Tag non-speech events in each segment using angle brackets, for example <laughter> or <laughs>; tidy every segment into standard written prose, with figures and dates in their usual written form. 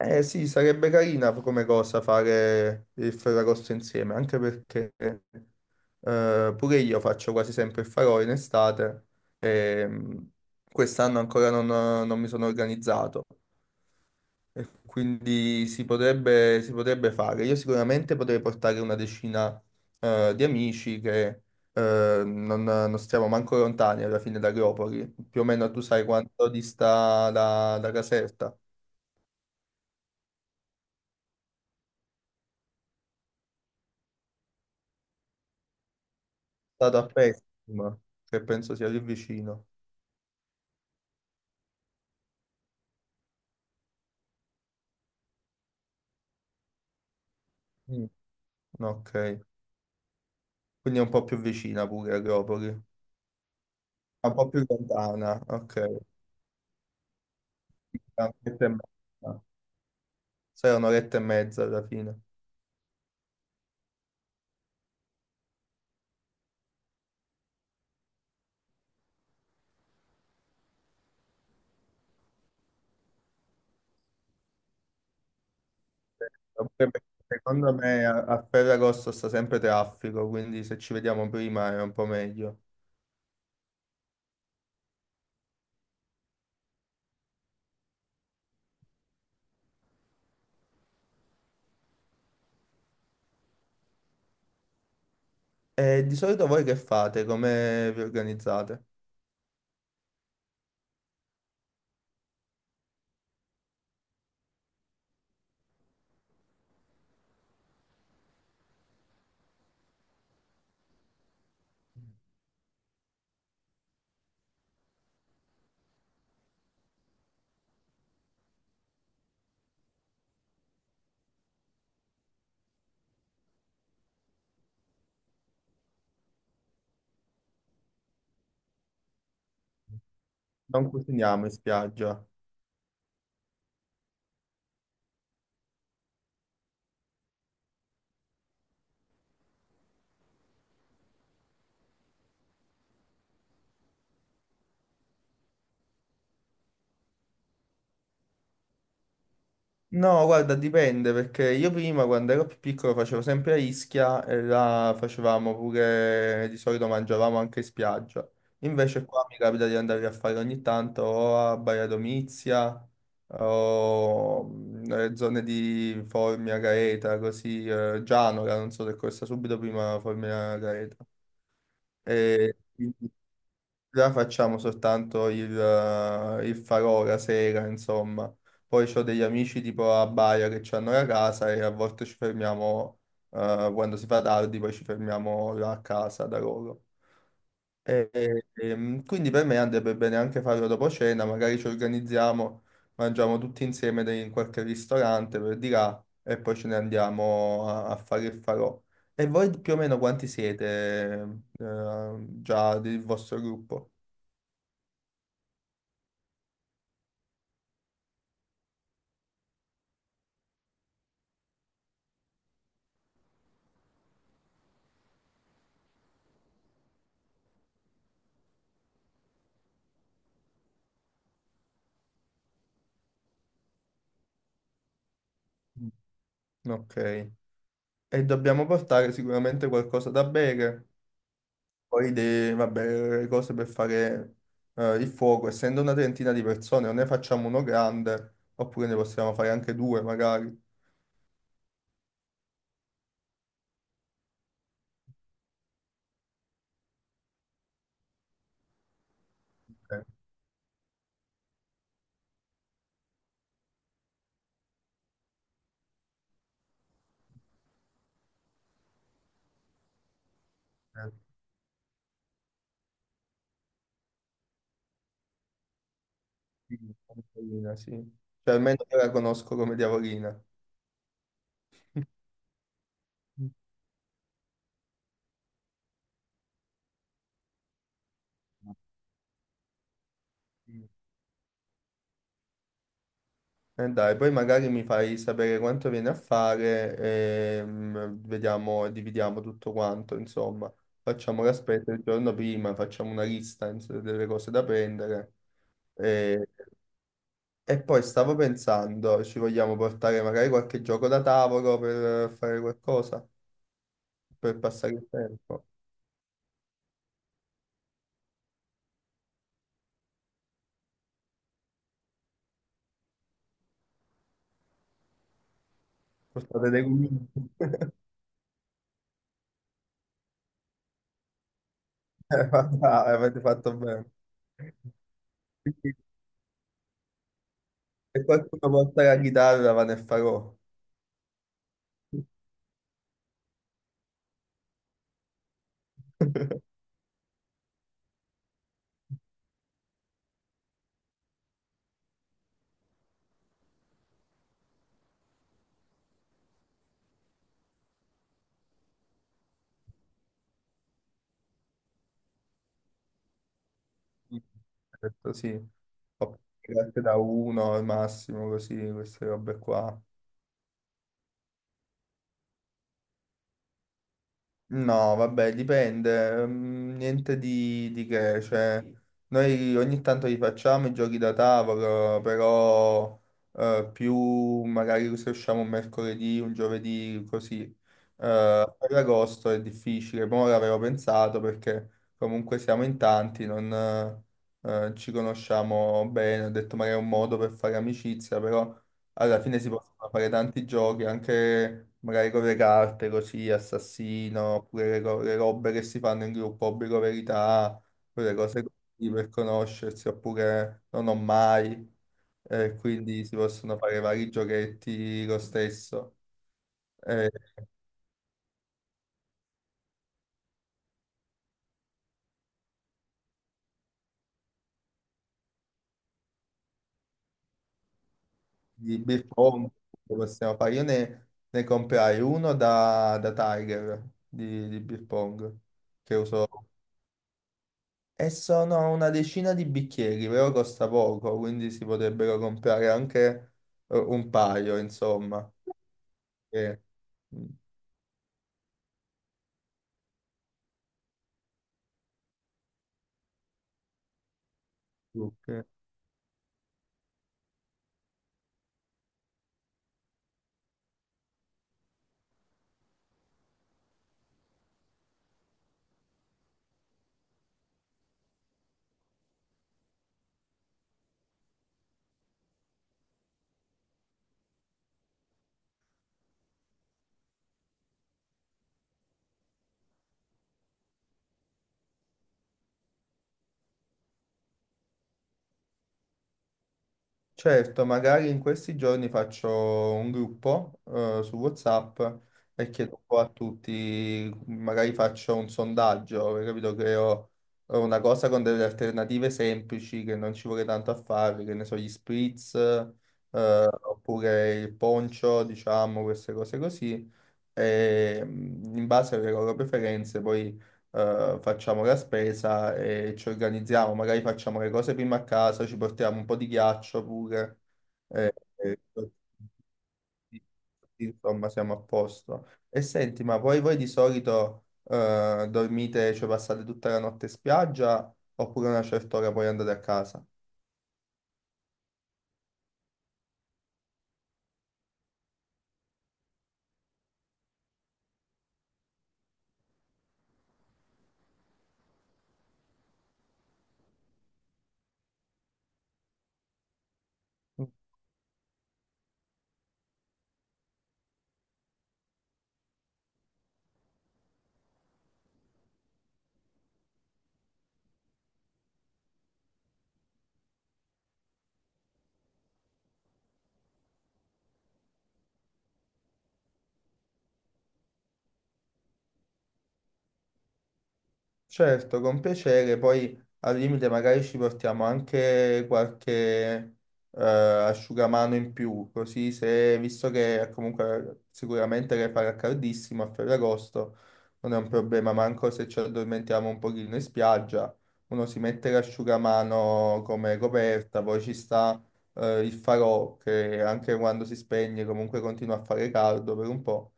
Eh sì, sarebbe carina come cosa fare il Ferragosto insieme, anche perché pure io faccio quasi sempre il farò in estate e quest'anno ancora non mi sono organizzato e quindi si potrebbe fare. Io sicuramente potrei portare una decina di amici che non stiamo manco lontani alla fine da Agropoli, più o meno tu sai quanto dista da Caserta. Stato a Pessima, che penso sia lì vicino. Mm. Ok, quindi è un po' più vicina pure Agropoli. È un po' più lontana, ok. È un'oretta e mezza. Sì, è un'oretta e mezza alla fine. Oppure perché secondo me a Ferragosto sta sempre traffico, quindi se ci vediamo prima è un po' meglio. E di solito voi che fate? Come vi organizzate? Non cuciniamo in spiaggia. No, guarda, dipende perché io prima quando ero più piccolo facevo sempre a Ischia e là facevamo pure, di solito mangiavamo anche in spiaggia. Invece qua mi capita di andare a fare ogni tanto o a Baia Domizia o nelle zone di Formia, Gaeta, così, Gianola, non so se questa subito prima Formia, Gaeta. E già facciamo soltanto il farò la sera, insomma. Poi ho degli amici tipo a Baia che ci hanno la casa e a volte ci fermiamo, quando si fa tardi, poi ci fermiamo là a casa da loro. Quindi per me andrebbe bene anche farlo dopo cena, magari ci organizziamo, mangiamo tutti insieme in qualche ristorante per di là e poi ce ne andiamo a fare il farò. E voi più o meno quanti siete, già del vostro gruppo? Ok. E dobbiamo portare sicuramente qualcosa da bere, poi vabbè, le cose per fare il fuoco. Essendo una trentina di persone, o ne facciamo uno grande, oppure ne possiamo fare anche due magari. Eh, eh, sì, una tavolina, sì. Cioè almeno io la conosco come diavolina. Mm. E dai, poi magari mi fai sapere quanto viene a fare e vediamo, dividiamo tutto quanto, insomma. Facciamo l'aspetto il giorno prima, facciamo una lista delle cose da prendere. E, e poi stavo pensando, ci vogliamo portare magari qualche gioco da tavolo per fare qualcosa, per passare il tempo. Portate dei gomiti. <laughs> Ma dai, avete fatto bene. Se qualcuno porta la chitarra, va nel farò. <laughs> Certo, sì. Ho parte da uno al massimo, così, queste robe qua. No, vabbè, dipende, niente di che, cioè, noi ogni tanto li facciamo i giochi da tavolo, però più magari se usciamo un mercoledì, un giovedì, così. Per agosto è difficile, ma ora avevo pensato perché comunque siamo in tanti, non ci conosciamo bene, ho detto magari è un modo per fare amicizia, però alla fine si possono fare tanti giochi, anche magari con le carte, così, assassino, oppure le robe che si fanno in gruppo, obbligo verità, quelle cose così per conoscersi, oppure non ho mai, quindi si possono fare vari giochetti lo stesso. Eh, di beer pong lo possiamo fare, io ne comprai uno da Tiger di beer pong, che uso. E sono una decina di bicchieri, però costa poco, quindi si potrebbero comprare anche un paio, insomma. E- Ok. Certo, magari in questi giorni faccio un gruppo su WhatsApp e chiedo un po' a tutti, magari faccio un sondaggio, perché capito? Creo una cosa con delle alternative semplici che non ci vuole tanto a fare, che ne so, gli spritz, oppure il poncio, diciamo, queste cose così. E in base alle loro preferenze poi facciamo la spesa e ci organizziamo, magari facciamo le cose prima a casa, ci portiamo un po' di ghiaccio pure, così, insomma siamo a posto. E senti, ma poi voi di solito dormite, cioè passate tutta la notte in spiaggia oppure a una certa ora poi andate a casa? Certo, con piacere, poi al limite magari ci portiamo anche qualche asciugamano in più, così se, visto che comunque sicuramente che farà caldissimo a Ferragosto, non è un problema, manco se ci addormentiamo un pochino in spiaggia, uno si mette l'asciugamano come coperta, poi ci sta il farò che anche quando si spegne comunque continua a fare caldo per un po',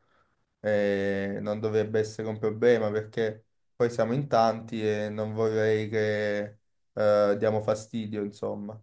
e non dovrebbe essere un problema perché poi siamo in tanti e non vorrei che diamo fastidio, insomma.